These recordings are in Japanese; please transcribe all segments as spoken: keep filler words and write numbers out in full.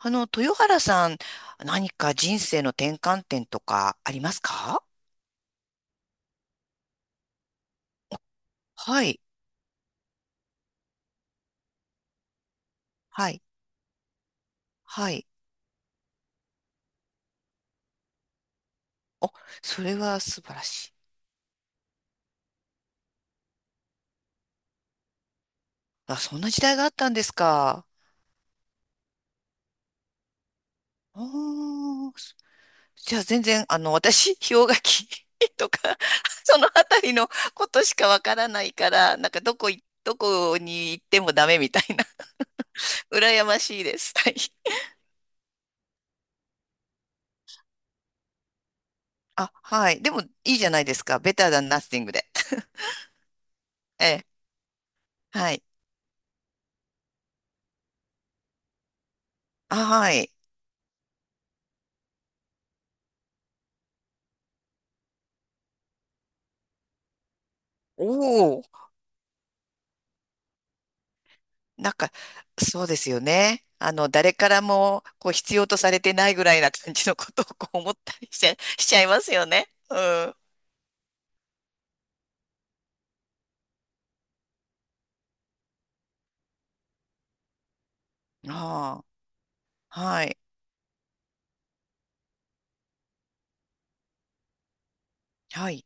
あの、豊原さん、何か人生の転換点とかありますか？はい、はい、はい。お、それは素晴らしい。あ、そんな時代があったんですか。おー、じゃあ全然、あの、私、氷河期 とか、そのあたりのことしかわからないから、なんかどこい、どこに行ってもダメみたいな、羨ましいです。はい。あ、はい。でも、いいじゃないですか。ベターダンナッシングで。ええ、はい。あ、はい。おお。なんか、そうですよね。あの、誰からも、こう、必要とされてないぐらいな感じのことを、こう、思ったりしちゃ、しちゃいますよね。うん。ああ、はい。はい。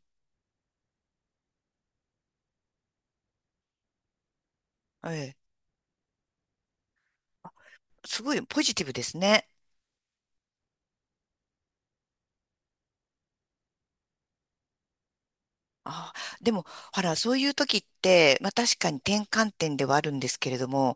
ええ。すごいポジティブですね。ああ、でも、ほら、そういう時って、まあ確かに転換点ではあるんですけれども、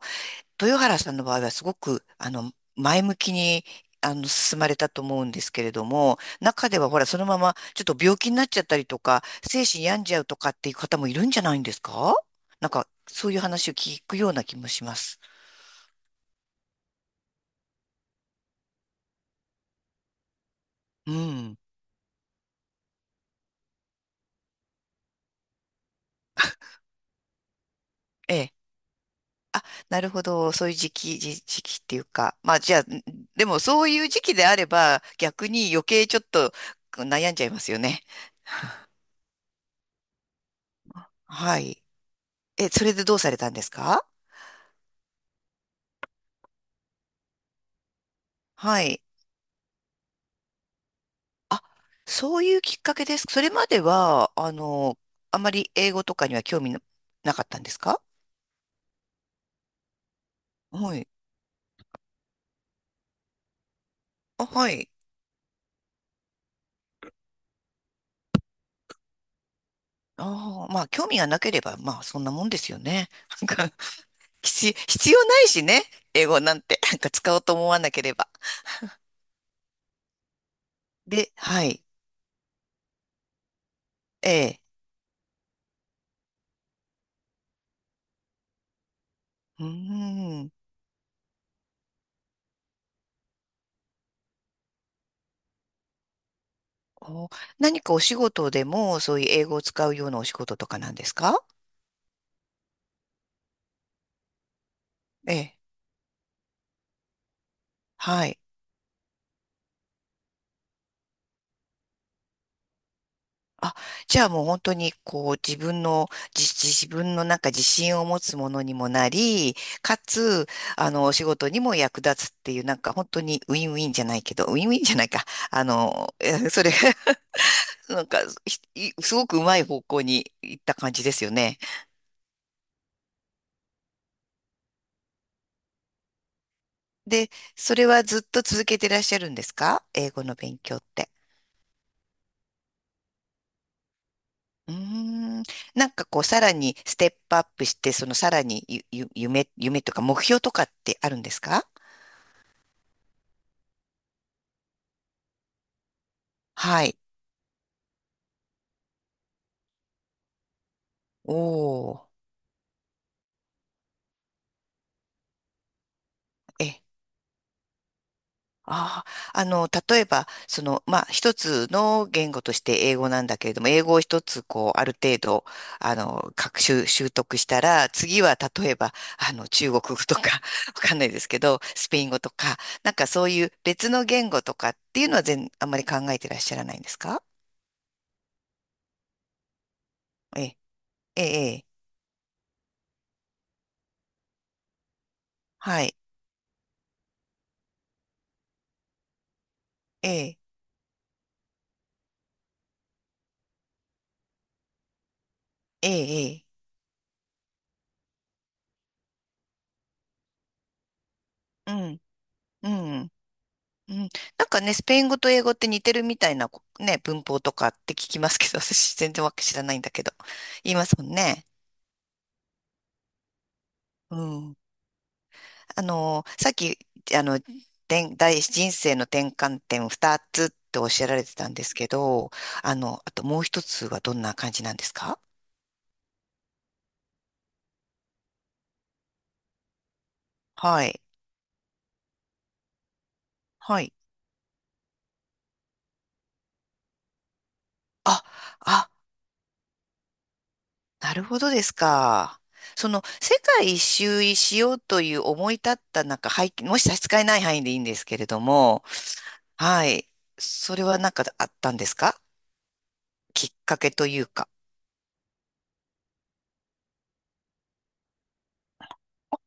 豊原さんの場合はすごく、あの、前向きに、あの、進まれたと思うんですけれども、中ではほら、そのままちょっと病気になっちゃったりとか、精神病んじゃうとかっていう方もいるんじゃないんですか？なんか、そういう話を聞くような気もします。うん。ええ。なるほど。そういう時期、時、時期っていうか。まあ、じゃあ、でもそういう時期であれば、逆に余計ちょっと悩んじゃいますよね。はい。え、それでどうされたんですか？はい。あ、そういうきっかけです。それまでは、あの、あまり英語とかには興味ななかったんですか？はい。あ、はい。ああ、まあ、興味がなければ、まあ、そんなもんですよね。なんか、必、必要ないしね。英語なんて、なんか使おうと思わなければ。で、はい。ええ。うーん。お、何かお仕事でも、そういう英語を使うようなお仕事とかなんですか？ええ。はい。あ、じゃあもう本当にこう自分の、じ、自分のなんか自信を持つものにもなり、かつ、あの、お仕事にも役立つっていう、なんか本当にウィンウィンじゃないけど、ウィンウィンじゃないか。あの、え それが なんか、ひいすごくうまい方向に行った感じですよね。で、それはずっと続けてらっしゃるんですか？英語の勉強って。うーん、なんかこう、さらにステップアップして、そのさらにゆ、ゆ、夢、夢とか目標とかってあるんですか？はい。おお、え、ああ、あの、例えば、その、まあ、一つの言語として英語なんだけれども、英語を一つ、こう、ある程度、あの、学習、習得したら、次は、例えば、あの、中国語とか、わかんないですけど、スペイン語とか、なんかそういう別の言語とかっていうのは全、あんまり考えてらっしゃらないんですか？ええ、ええ、ええはい、ええ、ええ、ええうん、うん。うん、なんかね、スペイン語と英語って似てるみたいなこね、文法とかって聞きますけど、私全然わけ知らないんだけど。言いますもんね。うん。あの、さっき、あの、てん大人生の転換点ふたつっておっしゃられてたんですけど、あの、あともう一つはどんな感じなんですか？はい。はい。あ、あ、なるほどですか。その、世界一周しようという思い立ったなんか背景、もし差し支えない範囲でいいんですけれども、はい。それはなんかあったんですか？きっかけというか。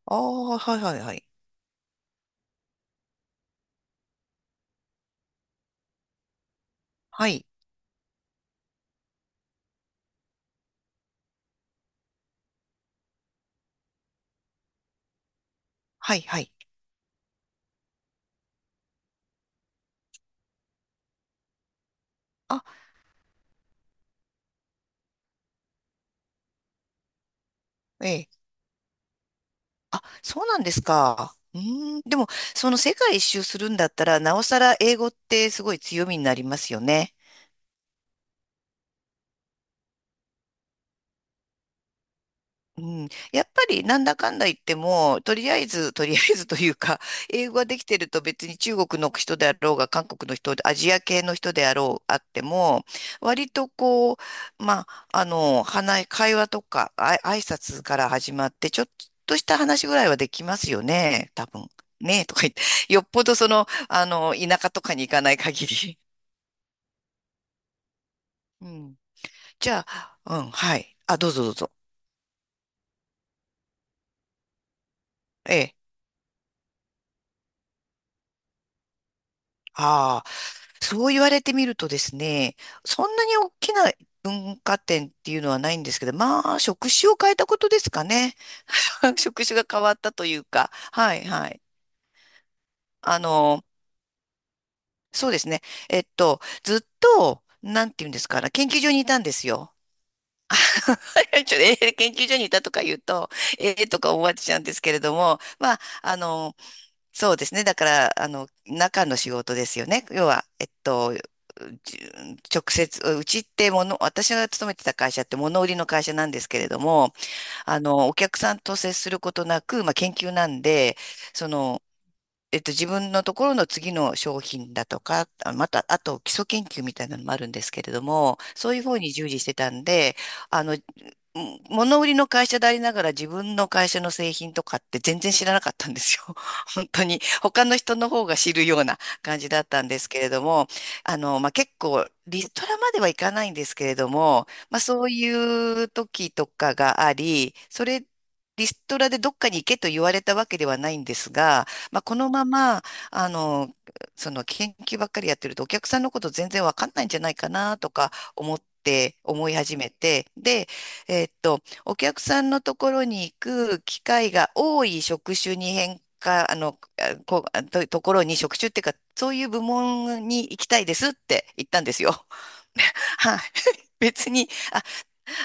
ああ、はいはいはい。はい。はいはい。あ、ええ。あ、そうなんですか。うーん。でも、その世界一周するんだったら、なおさら英語ってすごい強みになりますよね。うん、やっぱりなんだかんだ言っても、とりあえず、とりあえず、というか、英語ができてると別に中国の人であろうが、韓国の人で、アジア系の人であろう、あっても、割とこう、まあ、あの、話、会話とか、あい、挨拶から始まって、ちょっとした話ぐらいはできますよね、多分。ねえ、とか言って、よっぽどその、あの、田舎とかに行かない限り。うん。じゃあ、うん、はい。あ、どうぞどうぞ。ええ。ああ。そう言われてみるとですね、そんなに大きな文化展っていうのはないんですけど、まあ、職種を変えたことですかね。職種が変わったというか、はいはい。あの、そうですね。えっと、ずっと、なんていうんですかね、研究所にいたんですよ。ちょっとえー研究所にいたとか言うと、ええとか思われちゃうんですけれども、まあ、あの、そうですね。だから、あの、中の仕事ですよね。要は、えっと、じ直接、うちってもの、私が勤めてた会社って物売りの会社なんですけれども、あの、お客さんと接することなく、まあ、研究なんで、その、えっと、自分のところの次の商品だとか、あまた、あと基礎研究みたいなのもあるんですけれども、そういうふうに従事してたんで、あの、うん物売りの会社でありながら自分の会社の製品とかって全然知らなかったんですよ。本当に他の人の方が知るような感じだったんですけれども、あの、まあ、結構リストラまではいかないんですけれども、まあ、そういう時とかがあり、それリストラでどっかに行けと言われたわけではないんですが、まあ、このまま、あの、その研究ばっかりやってるとお客さんのこと全然わかんないんじゃないかなとか思って思い始めて、で、えーっと、お客さんのところに行く機会が多い職種に変化、あの、あこ、あと、ところに職種っていうか、そういう部門に行きたいですって言ったんですよ。はい。別に、あ、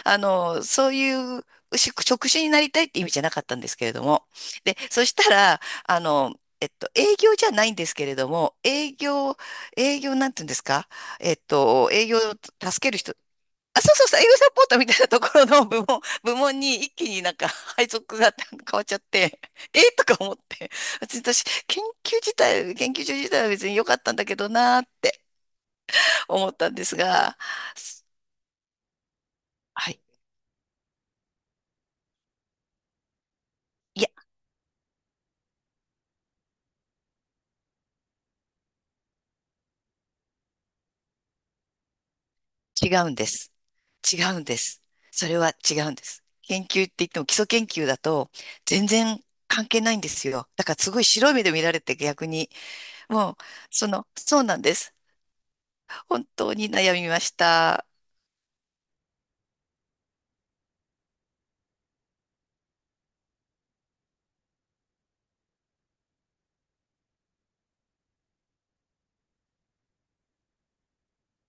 あの、そういう職職種になりたいって意味じゃなかったんですけれども。で、そしたら、あの、えっと、営業じゃないんですけれども、営業、営業なんて言うんですか？えっと、営業を助ける人あ、そうそうそう、営業サポートみたいなところの部門、部門に一気になんか 配属が 変わっちゃって、えー とか思って、別に私、研究自体、研究所自体は別に良かったんだけどなーって思ったんですが、はい。いや、違うんです。違うんです。それは違うんです。研究って言っても基礎研究だと全然関係ないんですよ。だからすごい白い目で見られて逆に、もう、その、そうなんです。本当に悩みました。